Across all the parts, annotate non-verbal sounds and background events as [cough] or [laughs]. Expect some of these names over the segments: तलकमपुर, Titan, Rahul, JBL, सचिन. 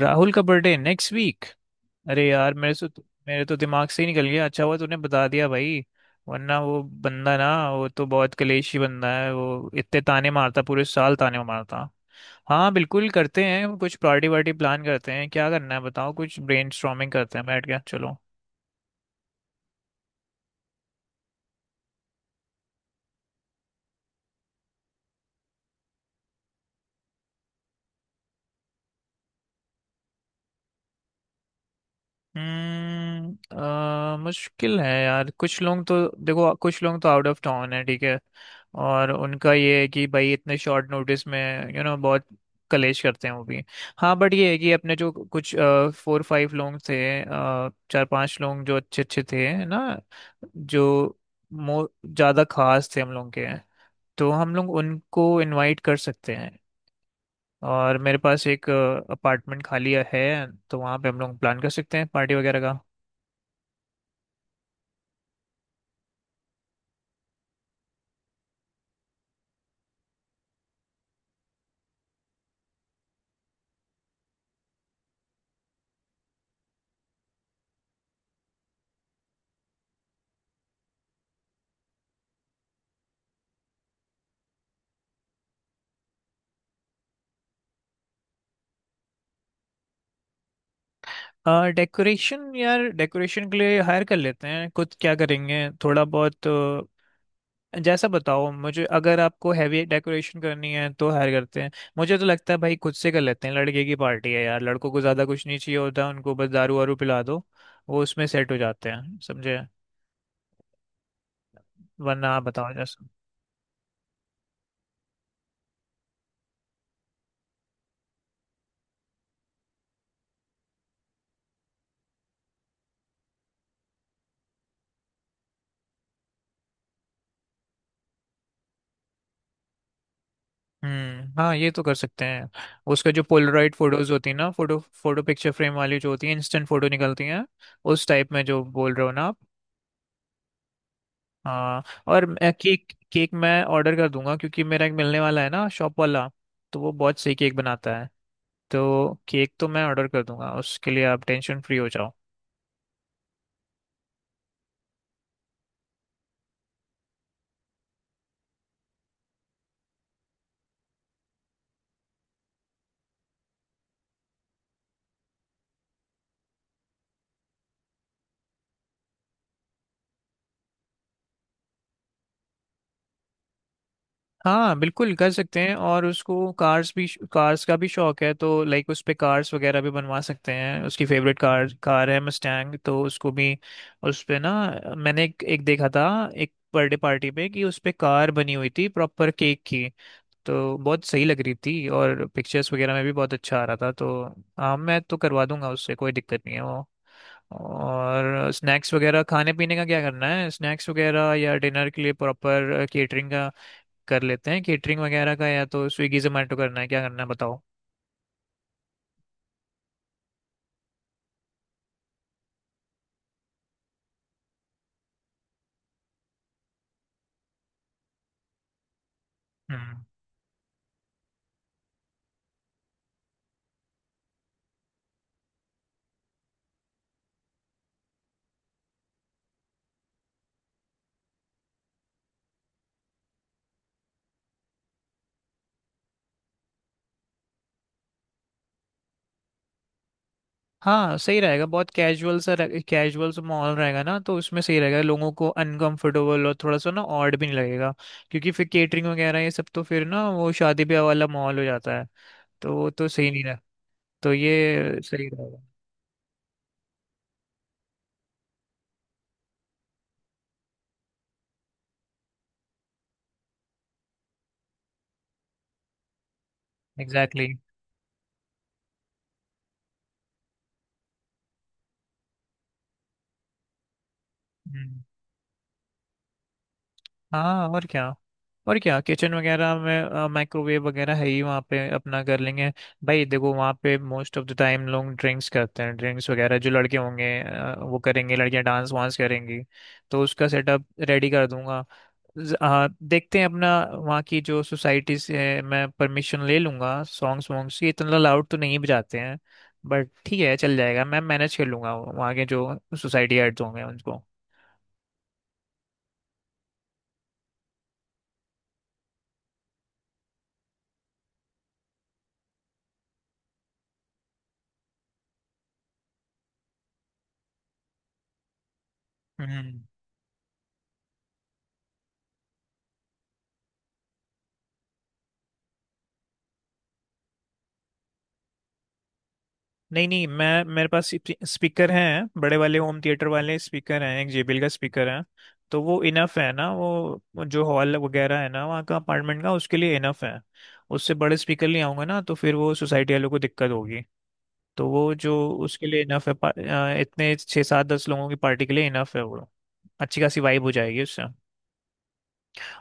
राहुल का birthday next week. अरे यार मेरे तो दिमाग से ही निकल गया। अच्छा हुआ तूने बता दिया भाई। वरना वो बंदा ना, वो तो बहुत कलेशी बंदा है। वो इतने ताने मारता, पूरे साल ताने मारता। हाँ, बिल्कुल करते हैं, कुछ पार्टी वार्टी प्लान करते हैं। क्या करना है बताओ, कुछ ब्रेनस्टॉर्मिंग करते हैं बैठ के, चलो। मुश्किल है यार, कुछ लोग तो। देखो, कुछ लोग तो आउट ऑफ टाउन है, ठीक है। और उनका ये है कि भाई इतने शॉर्ट नोटिस में यू you नो know, बहुत कलेश करते हैं वो भी। हाँ, बट ये है कि अपने जो कुछ फोर फाइव लोग थे अ, चार पांच लोग जो अच्छे अच्छे थे, है ना। जो मो ज़्यादा खास थे हम लोग के, तो हम लोग उनको इनवाइट कर सकते हैं। और मेरे पास एक अपार्टमेंट खाली है, तो वहाँ पे हम लोग प्लान कर सकते हैं पार्टी वगैरह का। डेकोरेशन यार, डेकोरेशन के लिए हायर कर लेते हैं, कुछ क्या करेंगे थोड़ा बहुत जैसा बताओ मुझे। अगर आपको हैवी डेकोरेशन करनी है तो हायर करते हैं। मुझे तो लगता है भाई खुद से कर लेते हैं, लड़के की पार्टी है यार, लड़कों को ज़्यादा कुछ नहीं चाहिए होता, उनको बस दारू वारू पिला दो। वो उसमें सेट हो जाते हैं, समझे। वरना आप बताओ जैसा। हम्म, हाँ ये तो कर सकते हैं। उसका जो पोलराइड फोटोज होती है ना, फोटो फोटो पिक्चर फ्रेम वाली जो होती है, इंस्टेंट फोटो निकलती हैं। उस टाइप में जो बोल रहे हो ना आप। हाँ। और केक केक मैं ऑर्डर कर दूंगा क्योंकि मेरा एक मिलने वाला है ना शॉप वाला। तो वो बहुत सही केक बनाता है। तो केक तो मैं ऑर्डर कर दूंगा, उसके लिए आप टेंशन फ्री हो जाओ। हाँ बिल्कुल कर सकते हैं, और उसको कार्स भी, कार्स का भी शौक है। तो लाइक उस पे कार्स वगैरह भी बनवा सकते हैं, उसकी फेवरेट कार कार है मस्टैंग, तो उसको भी उस पे ना। मैंने एक देखा था, एक बर्थडे पार्टी पे कि उस पे कार बनी हुई थी प्रॉपर केक की। तो बहुत सही लग रही थी और पिक्चर्स वगैरह में भी बहुत अच्छा आ रहा था तो। हाँ मैं तो करवा दूंगा उससे, कोई दिक्कत नहीं है वो। और स्नैक्स वगैरह खाने पीने का क्या करना है, स्नैक्स वगैरह या डिनर के लिए प्रॉपर केटरिंग का कर लेते हैं, केटरिंग वगैरह का या तो स्विगी जोमेटो करना है, क्या करना है बताओ। हम्म। हाँ सही रहेगा, बहुत कैजुअल सा, कैजुअल सा माहौल रहेगा ना, तो उसमें सही रहेगा। लोगों को अनकंफर्टेबल और थोड़ा सा ना ऑड भी नहीं लगेगा। क्योंकि फिर केटरिंग वगैरह ये सब तो फिर ना वो शादी ब्याह वाला माहौल हो जाता है। तो वो तो सही नहीं रहा। तो ये सही रहेगा। एग्जैक्टली। हम्म। हाँ और क्या, और क्या किचन वगैरह में माइक्रोवेव वगैरह है ही वहाँ पे, अपना कर लेंगे। भाई देखो, वहाँ पे मोस्ट ऑफ द टाइम लोग ड्रिंक्स करते हैं, ड्रिंक्स वगैरह जो लड़के होंगे वो करेंगे, लड़कियाँ डांस वांस करेंगी। तो उसका सेटअप रेडी कर दूंगा। हाँ देखते हैं, अपना वहाँ की जो सोसाइटी से मैं परमिशन ले लूंगा। सॉन्ग्स वॉन्ग्स की इतना लाउड तो नहीं बजाते हैं, बट ठीक है चल जाएगा, मैं मैनेज कर लूंगा वहाँ के जो सोसाइटी हेड्स होंगे उनको। हम्म। नहीं नहीं, मैं मेरे पास स्पीकर हैं बड़े वाले, होम थिएटर वाले स्पीकर हैं, एक जेबीएल का स्पीकर है। तो वो इनफ है ना, वो जो हॉल वगैरह है ना वहाँ का अपार्टमेंट का, उसके लिए इनफ है। उससे बड़े स्पीकर ले आऊंगा ना तो फिर वो सोसाइटी वालों को दिक्कत होगी। तो वो जो उसके लिए इनफ है, इतने छः सात दस लोगों की पार्टी के लिए इनफ है वो। अच्छी खासी वाइब हो जाएगी उससे।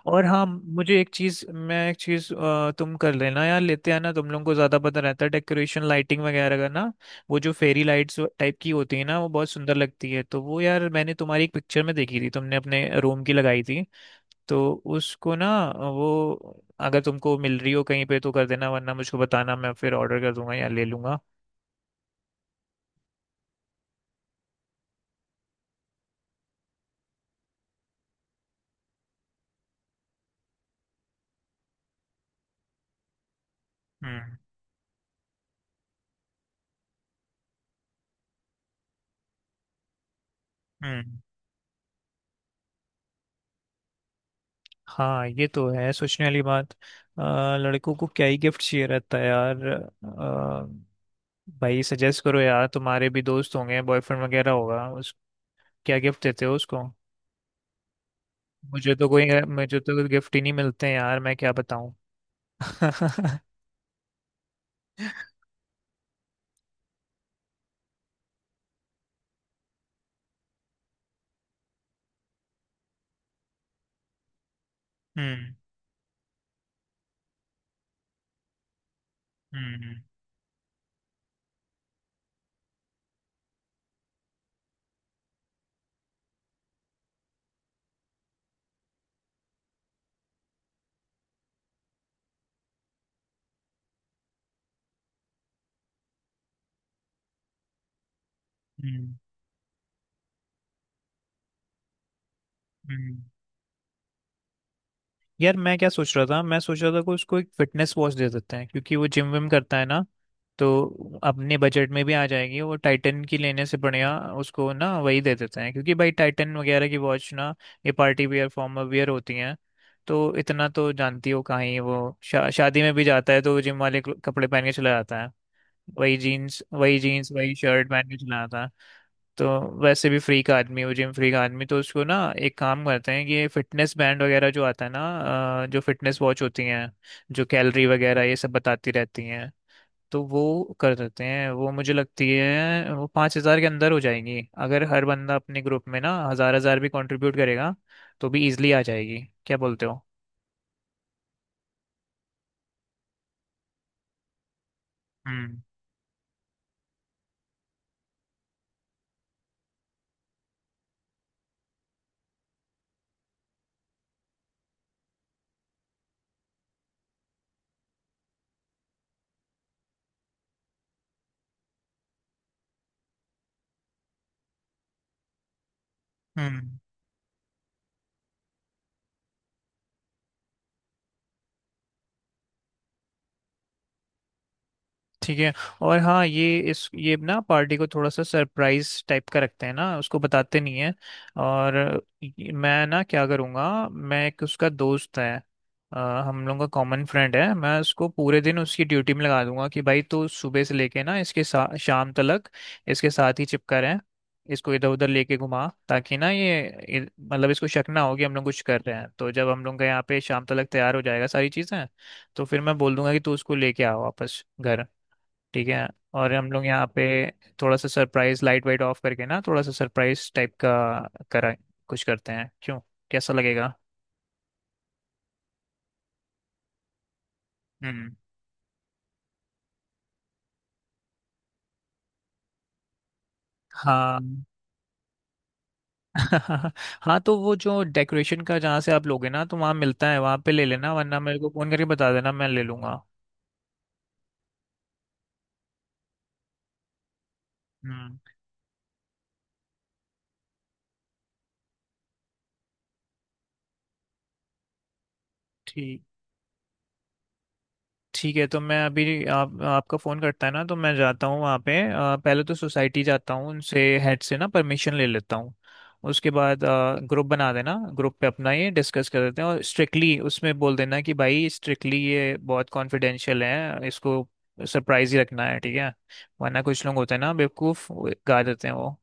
और हाँ, मुझे एक चीज मैं एक चीज तुम कर लेना यार, लेते आना। तुम लोगों को ज्यादा पता रहता है डेकोरेशन लाइटिंग वगैरह का ना। वो जो फेरी लाइट्स टाइप की होती है ना, वो बहुत सुंदर लगती है। तो वो यार मैंने तुम्हारी एक पिक्चर में देखी थी, तुमने अपने रूम की लगाई थी। तो उसको ना, वो अगर तुमको मिल रही हो कहीं पे तो कर देना, वरना मुझको बताना मैं फिर ऑर्डर कर दूंगा या ले लूंगा। हम्म। हम्म, हाँ ये तो है, सोचने वाली बात। लड़कों को क्या ही गिफ्ट चाहिए रहता है यार। भाई सजेस्ट करो यार, तुम्हारे भी दोस्त होंगे, बॉयफ्रेंड वगैरह होगा उस, क्या गिफ्ट देते हो उसको। मुझे तो कोई मुझे तो गिफ्ट ही नहीं मिलते हैं यार, मैं क्या बताऊं। [laughs] हम्म। हम्म। हम्म। हम्म। यार मैं क्या सोच रहा था, मैं सोच रहा था कि उसको एक फिटनेस वॉच दे देते हैं क्योंकि वो जिम विम करता है ना। तो अपने बजट में भी आ जाएगी, वो टाइटन की लेने से बढ़िया उसको ना वही दे देते हैं, क्योंकि भाई टाइटन वगैरह की वॉच ना ये पार्टी वियर फॉर्मल वियर होती हैं। तो इतना तो जानती हो, कहीं वो शादी में भी जाता है तो जिम वाले कपड़े पहन के चला जाता है। वही जीन्स वही शर्ट पहन के चला जाता है। तो वैसे भी फ्री का आदमी हो, जिम फ्री का आदमी, तो उसको ना एक काम करते हैं कि ये फिटनेस बैंड वगैरह जो आता है ना, जो फिटनेस वॉच होती हैं जो कैलोरी वगैरह ये सब बताती रहती हैं। तो वो कर देते हैं, वो मुझे लगती है वो 5,000 के अंदर हो जाएंगी। अगर हर बंदा अपने ग्रुप में ना हज़ार हज़ार भी कंट्रीब्यूट करेगा तो भी इजिली आ जाएगी। क्या बोलते हो? हम्म। हम्म। ठीक है। और हाँ, ये ना पार्टी को थोड़ा सा सरप्राइज टाइप का रखते हैं ना, उसको बताते नहीं है। और मैं ना क्या करूँगा, मैं एक उसका दोस्त है अ, हम लोगों का कॉमन फ्रेंड है। मैं उसको पूरे दिन उसकी ड्यूटी में लगा दूंगा कि भाई तू सुबह से लेके ना, इसके शाम तक इसके साथ ही चिपका रहे। इसको इधर उधर लेके घुमा ताकि ना इ- मतलब इसको शक ना हो कि हम लोग कुछ कर रहे हैं। तो जब हम लोग का यहाँ पे शाम तक तैयार हो जाएगा सारी चीज़ें, तो फिर मैं बोल दूंगा कि तू उसको लेके आओ वापस घर। ठीक है। और हम लोग यहाँ पे थोड़ा सा सरप्राइज लाइट वाइट ऑफ करके ना, थोड़ा सा सरप्राइज टाइप का करा कुछ करते हैं क्यों, कैसा लगेगा? हम्म, हाँ। [laughs] हाँ तो वो जो डेकोरेशन का जहाँ से आप लोगे ना, तो वहाँ मिलता है, वहाँ पे ले लेना, वरना मेरे को फोन करके बता देना, मैं ले लूंगा। हम्म। ठीक, ठीक है। तो मैं अभी आप आपका फ़ोन करता है ना तो मैं जाता हूँ वहाँ पे पहले तो सोसाइटी जाता हूँ उनसे हेड से ना परमिशन ले लेता हूँ। उसके बाद ग्रुप बना देना, ग्रुप पे अपना ये डिस्कस कर देते हैं, और स्ट्रिक्टली उसमें बोल देना कि भाई स्ट्रिक्टली ये बहुत कॉन्फिडेंशियल है, इसको सरप्राइज ही रखना है, ठीक है। वरना कुछ लोग होते हैं ना बेवकूफ़, वो गा देते हैं वो।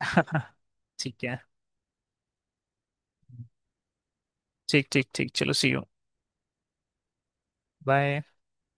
[laughs] ठीक है। ठीक ठीक ठीक चलो, सी यू। बाय।